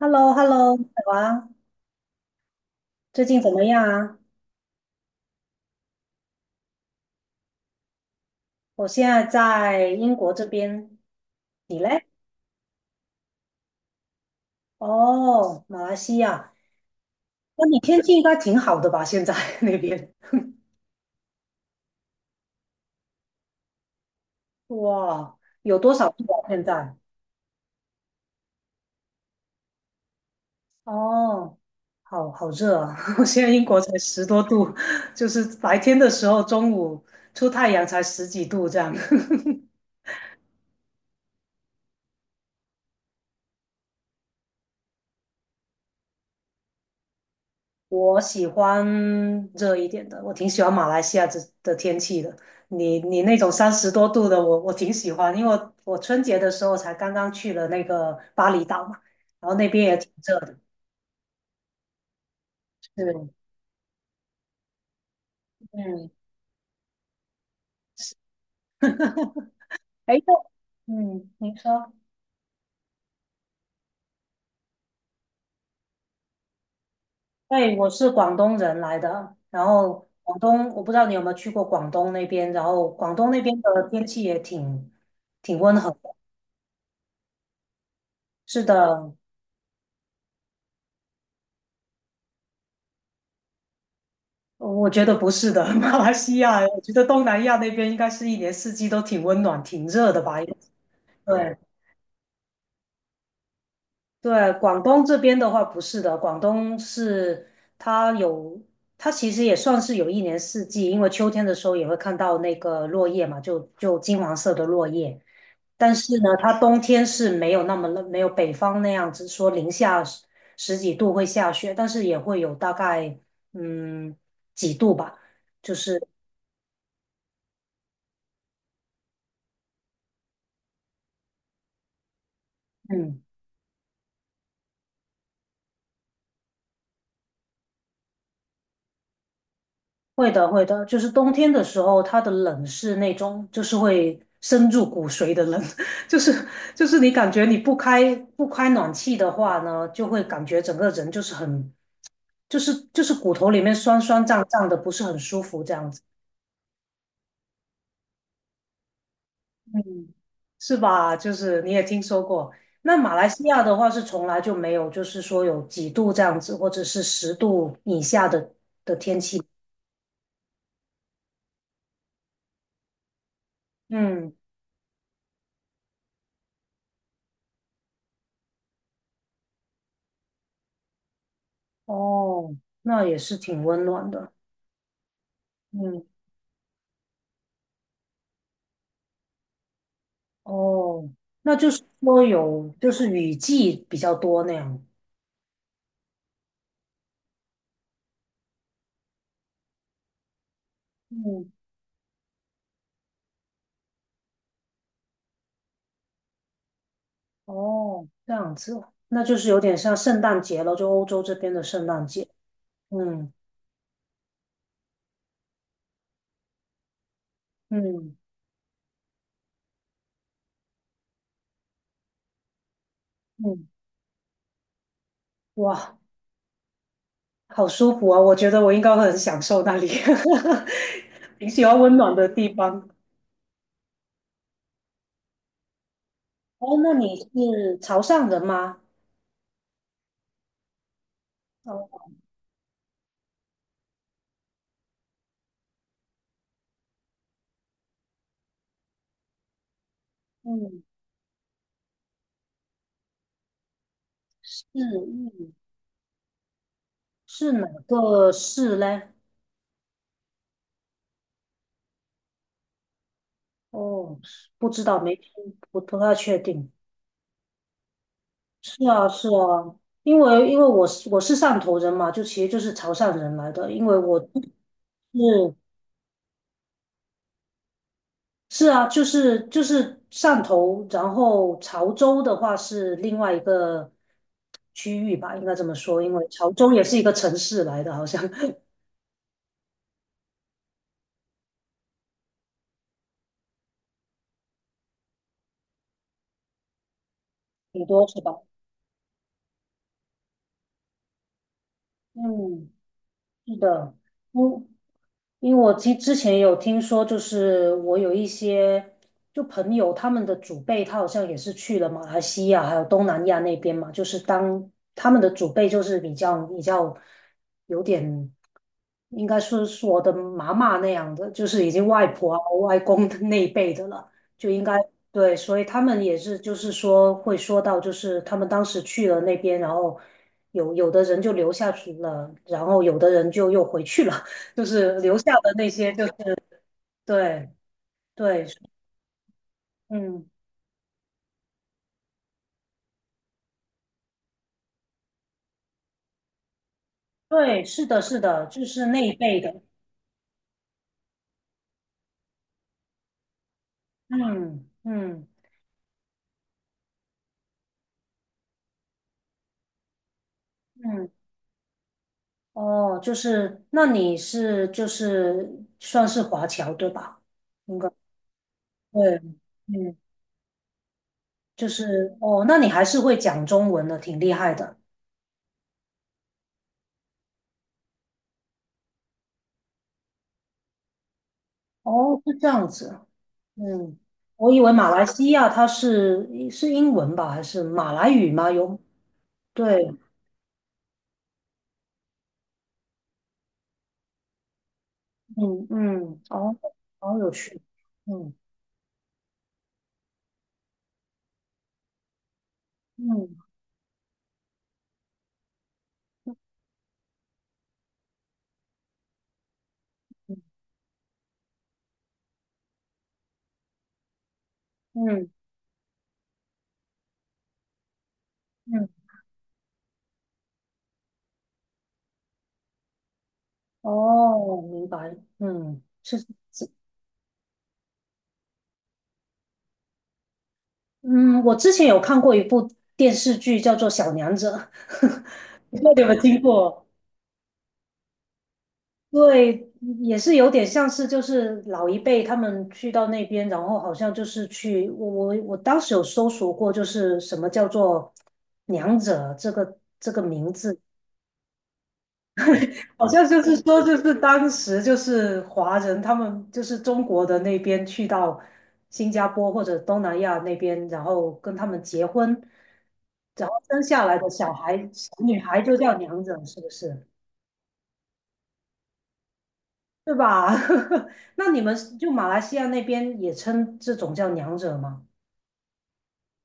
h e l l o h e l l o 好啊，最近怎么样啊？我现在在英国这边，你嘞？哦，马来西亚，那你天气应该挺好的吧？现在 那边，哇，有多少度啊？现在？哦，好好热啊！我现在英国才十多度，就是白天的时候，中午出太阳才十几度这样。我喜欢热一点的，我挺喜欢马来西亚这的天气的。你那种三十多度的，我挺喜欢，因为我春节的时候才刚刚去了那个巴厘岛嘛，然后那边也挺热的。是，嗯，哎，你说，对，我是广东人来的，然后广东，我不知道你有没有去过广东那边，然后广东那边的天气也挺温和的。是的，哦我觉得不是的，马来西亚，我觉得东南亚那边应该是一年四季都挺温暖、挺热的吧？对对，广东这边的话不是的，广东是它有，它其实也算是有一年四季，因为秋天的时候也会看到那个落叶嘛，就金黄色的落叶。但是呢，它冬天是没有那么冷，没有北方那样子说零下十几度会下雪，但是也会有大概嗯几度吧，就是。嗯，会的，会的，就是冬天的时候，它的冷是那种，就是会深入骨髓的冷，就是就是你感觉你不开暖气的话呢，就会感觉整个人就是很就是骨头里面酸酸胀胀的，不是很舒服这样子，嗯，是吧？就是你也听说过，那马来西亚的话是从来就没有，就是说有几度这样子，或者是十度以下的，嗯，哦，那也是挺温暖的，嗯。哦，那就是说有，就是雨季比较多那样。嗯，哦，这样子，那就是有点像圣诞节了，就欧洲这边的圣诞节。嗯嗯嗯，哇，好舒服啊！我觉得我应该会很享受那里，挺喜欢温暖的地方。哦，那你是潮汕人吗？哦，嗯，是嗯，是哪个市嘞？哦，不知道，没听，不太确定。是啊，是啊，因为我是汕头人嘛，就其实就是潮汕人来的，因为我是是啊，就是汕头，然后潮州的话是另外一个区域吧，应该这么说，因为潮州也是一个城市来的，好像 挺多是吧？嗯，是的，嗯，因为我之前有听说，就是我有一些就朋友，他们的祖辈他好像也是去了马来西亚还有东南亚那边嘛，就是当他们的祖辈就是比较有点，应该说是我的妈妈那样的，就是已经外婆啊外公的那一辈的了，就应该对，所以他们也是就是说会说到，就是他们当时去了那边，然后有的人就留下去了，然后有的人就又回去了。就是留下的那些，就是对对，嗯，对，是的，是的，就是那一辈的，嗯嗯嗯，哦，就是那你是就是算是华侨对吧？应该对，嗯，就是哦，那你还是会讲中文的，挺厉害的。哦，是这样子，嗯，我以为马来西亚它是英文吧，还是马来语吗？有，对，嗯嗯，哦，好有趣，嗯。嗯嗯嗯，嗯，哦，明白，嗯，是，嗯，我之前有看过一部电视剧，叫做《小娘惹》，不知道你有没有听过？对，也是有点像是就是老一辈他们去到那边，然后好像就是去，我当时有搜索过，就是什么叫做"娘惹"这个名字，好像就是说，就是当时就是华人，他们就是中国的那边去到新加坡或者东南亚那边，然后跟他们结婚，然后生下来的小孩小女孩就叫娘惹，是不是？对吧？那你们是就马来西亚那边也称这种叫娘惹吗？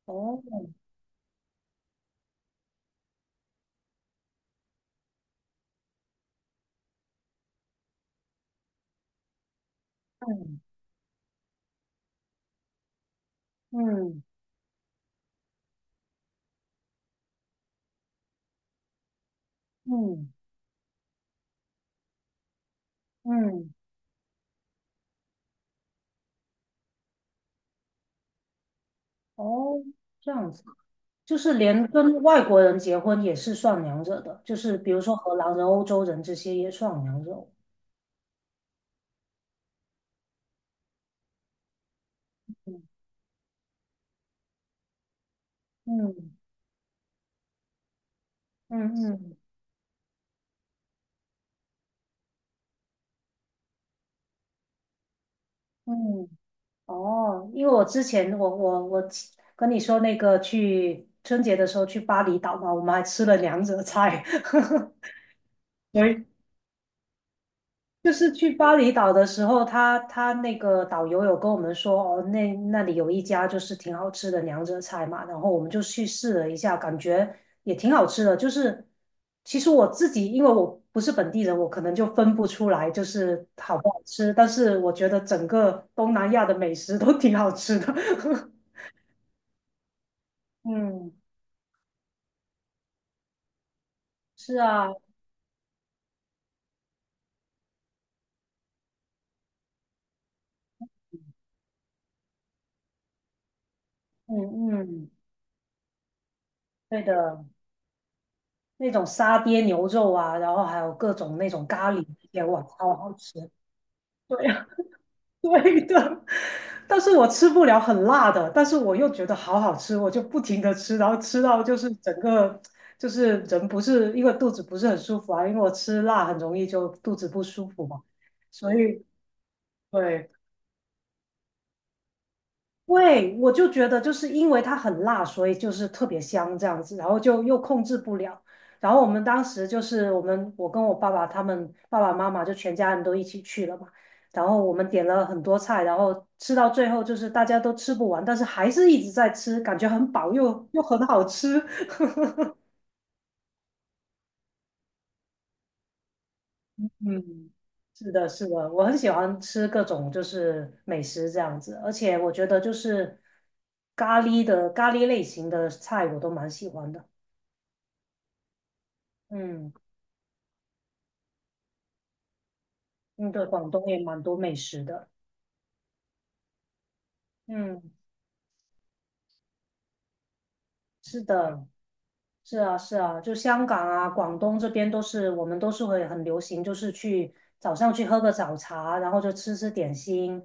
哦，嗯嗯嗯嗯，哦，这样子。就是连跟外国人结婚也是算娘惹的，就是比如说荷兰人、欧洲人这些也算娘惹。嗯嗯嗯嗯嗯，哦，因为我之前我跟你说那个去春节的时候去巴厘岛嘛，我们还吃了娘惹菜，所就是去巴厘岛的时候，他那个导游有跟我们说，哦，那里有一家就是挺好吃的娘惹菜嘛，然后我们就去试了一下，感觉也挺好吃的。就是其实我自己，因为我不是本地人，我可能就分不出来就是好不好吃，但是我觉得整个东南亚的美食都挺好吃的。嗯，是啊，嗯嗯，对的，那种沙爹牛肉啊，然后还有各种那种咖喱，也哇，超好吃。对。啊。对的，但是我吃不了很辣的，但是我又觉得好好吃，我就不停的吃，然后吃到就是整个就是人不是因为肚子不是很舒服啊，因为我吃辣很容易就肚子不舒服嘛，所以对，对，我就觉得就是因为它很辣，所以就是特别香这样子，然后就又控制不了。然后我们当时就是我们，我跟我爸爸他们爸爸妈妈就全家人都一起去了嘛。然后我们点了很多菜，然后吃到最后就是大家都吃不完，但是还是一直在吃，感觉很饱又很好吃。嗯，是的，是的，我很喜欢吃各种就是美食这样子，而且我觉得就是咖喱类型的菜我都蛮喜欢的。嗯，嗯，对，广东也蛮多美食的。嗯，是的，是啊，是啊，就香港啊、广东这边都是，我们都是会很流行，就是去早上去喝个早茶，然后就吃吃点心，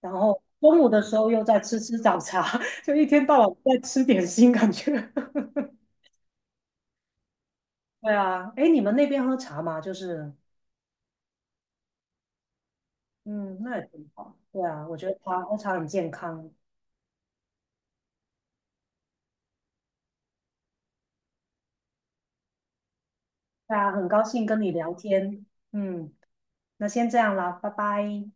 然后中午的时候又再吃吃早茶，就一天到晚在吃点心，感觉。对啊，哎，你们那边喝茶吗？就是，嗯，那也挺好。对啊，我觉得茶喝茶很健康。对啊，很高兴跟你聊天。嗯，那先这样啦，拜拜。